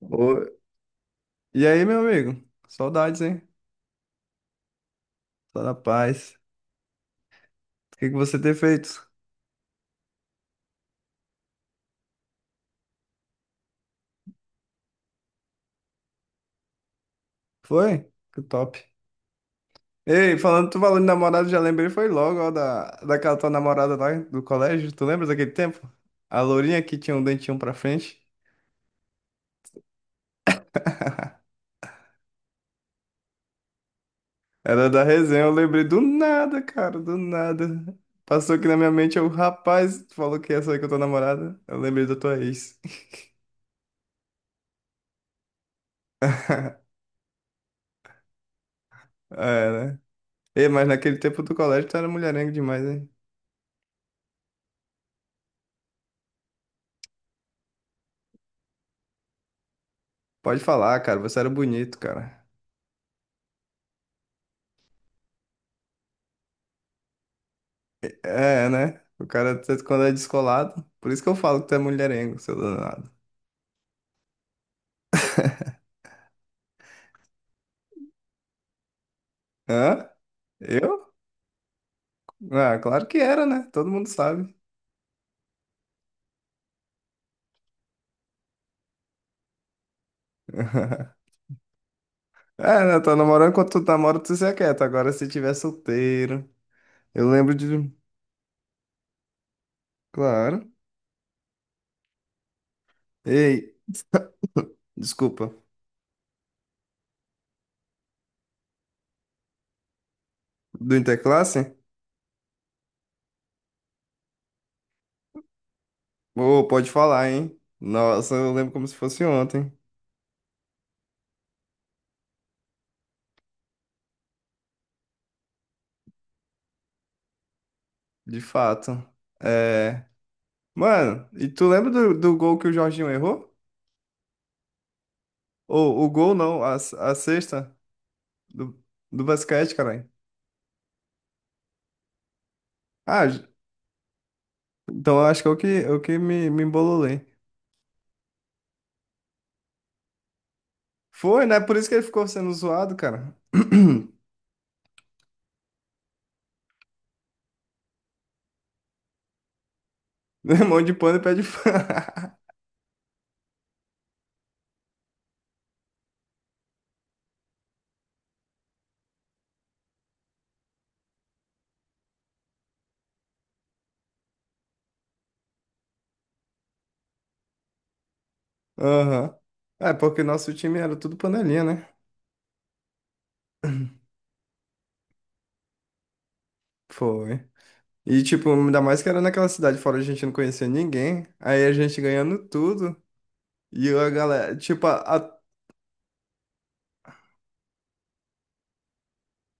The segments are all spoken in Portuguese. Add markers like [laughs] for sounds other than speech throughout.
Ô, e aí, meu amigo? Saudades, hein? Só na paz. O que que você tem feito? Foi? Que top. Ei, falando, tu falando de namorado, já lembrei, foi logo, ó, daquela tua namorada lá do colégio. Tu lembra daquele tempo? A lourinha que tinha um dentinho pra frente. [laughs] Era da resenha, eu lembrei do nada, cara, do nada. Passou aqui na minha mente, eu, rapaz, tu falou que ia sair com a tua namorada. Eu lembrei da tua ex. [laughs] É, né? Ei, mas naquele tempo do colégio tu era mulherengo demais, hein? Pode falar, cara. Você era bonito, cara. É, né? O cara, quando é descolado, por isso que eu falo que tu é mulherengo, seu danado. [laughs] Hã? Eu? Ah, claro que era, né? Todo mundo sabe. [laughs] É, né? Tá namorando quando tu namora, tu se aquieta. Agora, se tiver solteiro. Eu lembro de. Claro. Ei, desculpa. Do Interclasse? Ô, pode falar, hein? Nossa, eu lembro como se fosse ontem. De fato. É. Mano, e tu lembra do gol que o Jorginho errou? Ou o gol não, a sexta do, do basquete, caralho. Ah, j- então eu acho que é é o me embololei. Foi, né? Por isso que ele ficou sendo zoado, cara. [clears throat] Mão de pano e pé de pano. [laughs] Aham. É, porque nosso time era tudo panelinha, né? Foi. E, tipo, ainda mais que era naquela cidade fora, a gente não conhecia ninguém. Aí a gente ganhando tudo. E a galera, tipo,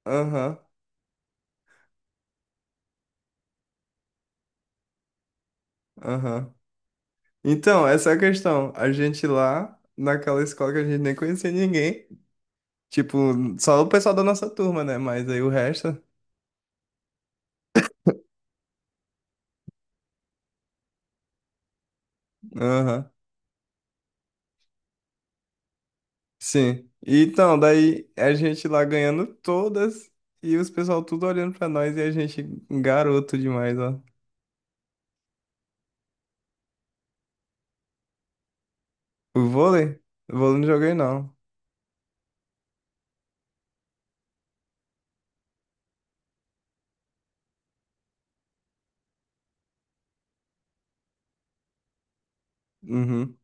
aham, aham. Então, essa é a questão. A gente lá, naquela escola que a gente nem conhecia ninguém. Tipo, só o pessoal da nossa turma, né? Mas aí o resto. Aham. Sim. E então, daí a gente lá ganhando todas e os pessoal tudo olhando pra nós e a gente garoto demais, ó. O vôlei? O vôlei não joguei, não. Uhum.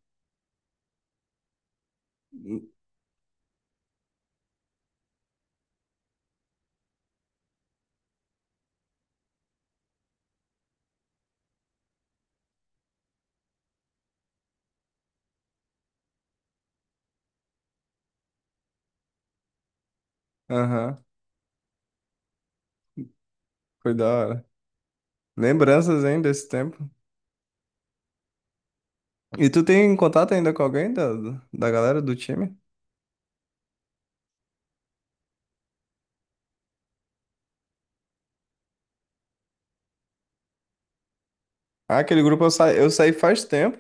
Aham. Foi da hora. Lembranças, hein, desse tempo. E tu tem contato ainda com alguém da galera do time? Ah, aquele grupo eu saí faz tempo.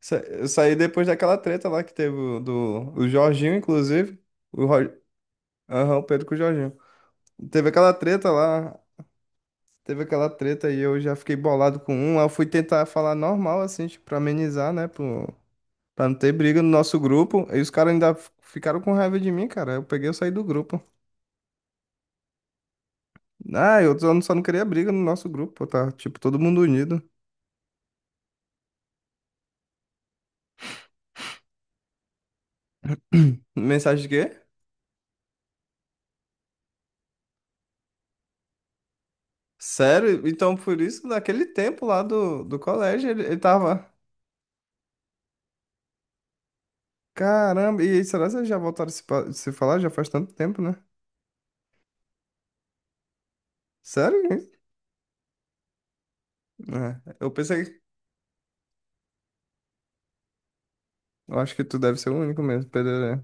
Eu saí depois daquela treta lá que teve o- do o Jorginho, inclusive. O, Ro- Aham, o Pedro com o Jorginho. Teve aquela treta lá. Teve aquela treta e eu já fiquei bolado com um. Aí eu fui tentar falar normal, assim, tipo, pra amenizar, né? Pro... Pra não ter briga no nosso grupo. E os caras ainda ficaram com raiva de mim, cara. Eu peguei e saí do grupo. Ah, eu só não queria briga no nosso grupo, tá? Tipo, todo mundo unido. Mensagem de quê? Sério? Então, por isso, naquele tempo lá do colégio, ele tava. Caramba, e aí, será que vocês já voltaram a se falar? Já faz tanto tempo, né? Sério? Hein? É, eu pensei, eu acho que tu deve ser o único mesmo, Pedro.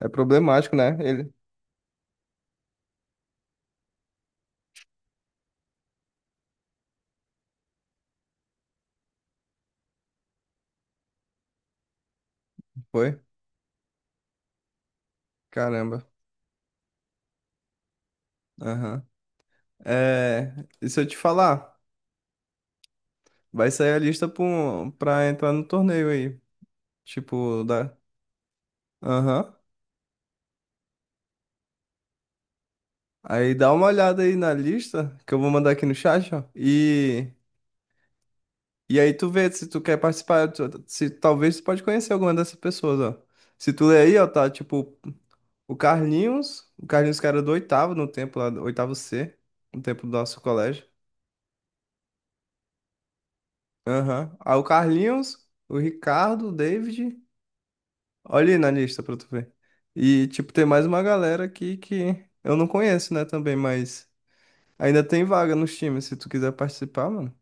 É, é problemático, né? Ele foi? Caramba. Aham. É, e se eu te falar, vai sair a lista pra entrar no torneio aí. Tipo, da. Aham. Aí dá uma olhada aí na lista, que eu vou mandar aqui no chat, ó. E aí tu vê se tu quer participar, se talvez tu pode conhecer alguma dessas pessoas, ó. Se tu ler aí, ó, tá tipo. O Carlinhos que era do oitavo no tempo lá, do oitavo C, no tempo do nosso colégio. Aham. Aí o Carlinhos, o Ricardo, o David. Olha aí na lista pra tu ver. E, tipo, tem mais uma galera aqui que eu não conheço, né, também, mas ainda tem vaga nos times, se tu quiser participar, mano.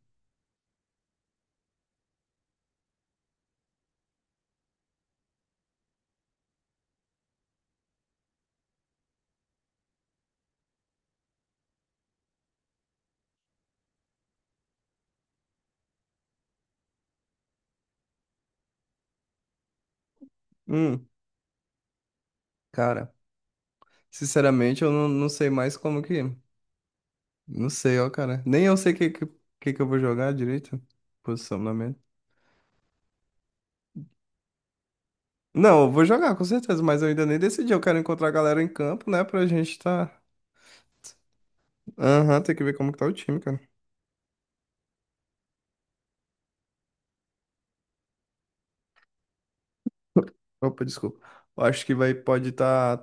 Hum, cara, sinceramente, eu não, não sei mais como que. Não sei, ó, cara. Nem eu sei que eu vou jogar direito. Posicionamento. Não, eu vou jogar, com certeza, mas eu ainda nem decidi. Eu quero encontrar a galera em campo, né? Pra gente tá. Aham, tem que ver como que tá o time, cara. Opa, desculpa. Eu acho que vai, pode tá.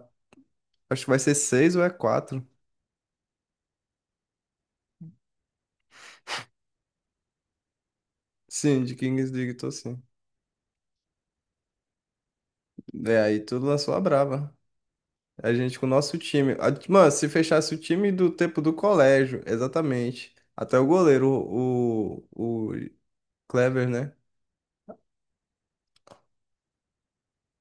Acho que vai ser seis ou é quatro. Sim, de Kings League, tô sim. É, aí tu lançou a brava. A gente com o nosso time. Mano, se fechasse o time do tempo do colégio, exatamente. Até o goleiro, o Clever, né?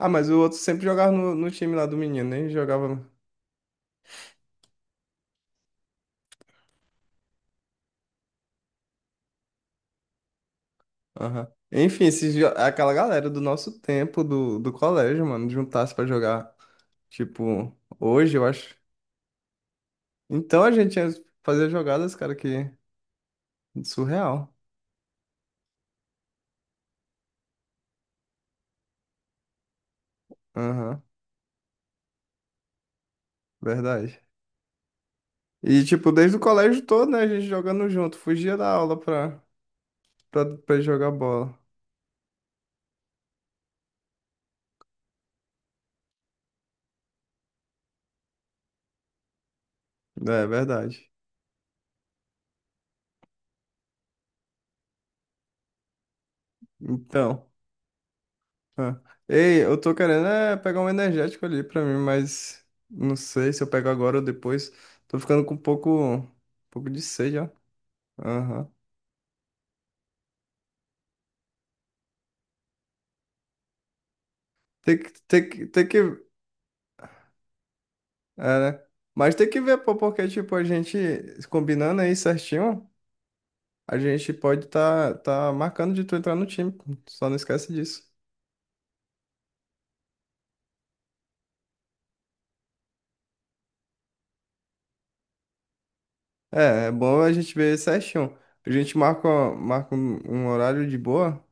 Ah, mas o outro sempre jogava no time lá do menino, nem jogava. Aham. Enfim, aquela galera do nosso tempo, do colégio, mano, juntasse pra jogar, tipo, hoje, eu acho. Então a gente ia fazer jogadas, cara, que surreal. Aham, verdade. E, tipo, desde o colégio todo, né, a gente jogando junto, fugia da aula pra jogar bola. É, verdade. Então, ah. Ei, eu tô querendo é, pegar um energético ali pra mim, mas não sei se eu pego agora ou depois. Tô ficando com um pouco de sede, ó. Aham. Tem que, é, né? Mas tem que ver, pô, porque, tipo, a gente combinando aí certinho, a gente pode tá marcando de tu entrar no time, pô. Só não esquece disso. É, é bom a gente ver certinho. A gente marca, Marca um horário de boa,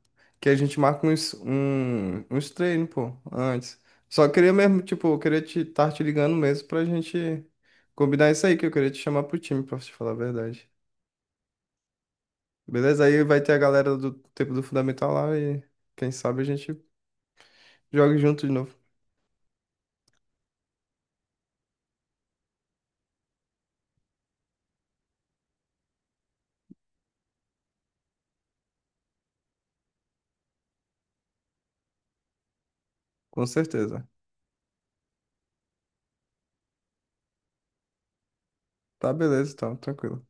que a gente marca uns treinos, pô, antes. Só queria mesmo, tipo, eu queria estar te ligando mesmo pra gente combinar isso aí, que eu queria te chamar pro time, pra te falar a verdade. Beleza? Aí vai ter a galera do tempo do Fundamental lá e quem sabe a gente joga junto de novo. Com certeza. Tá, beleza, então, tranquilo.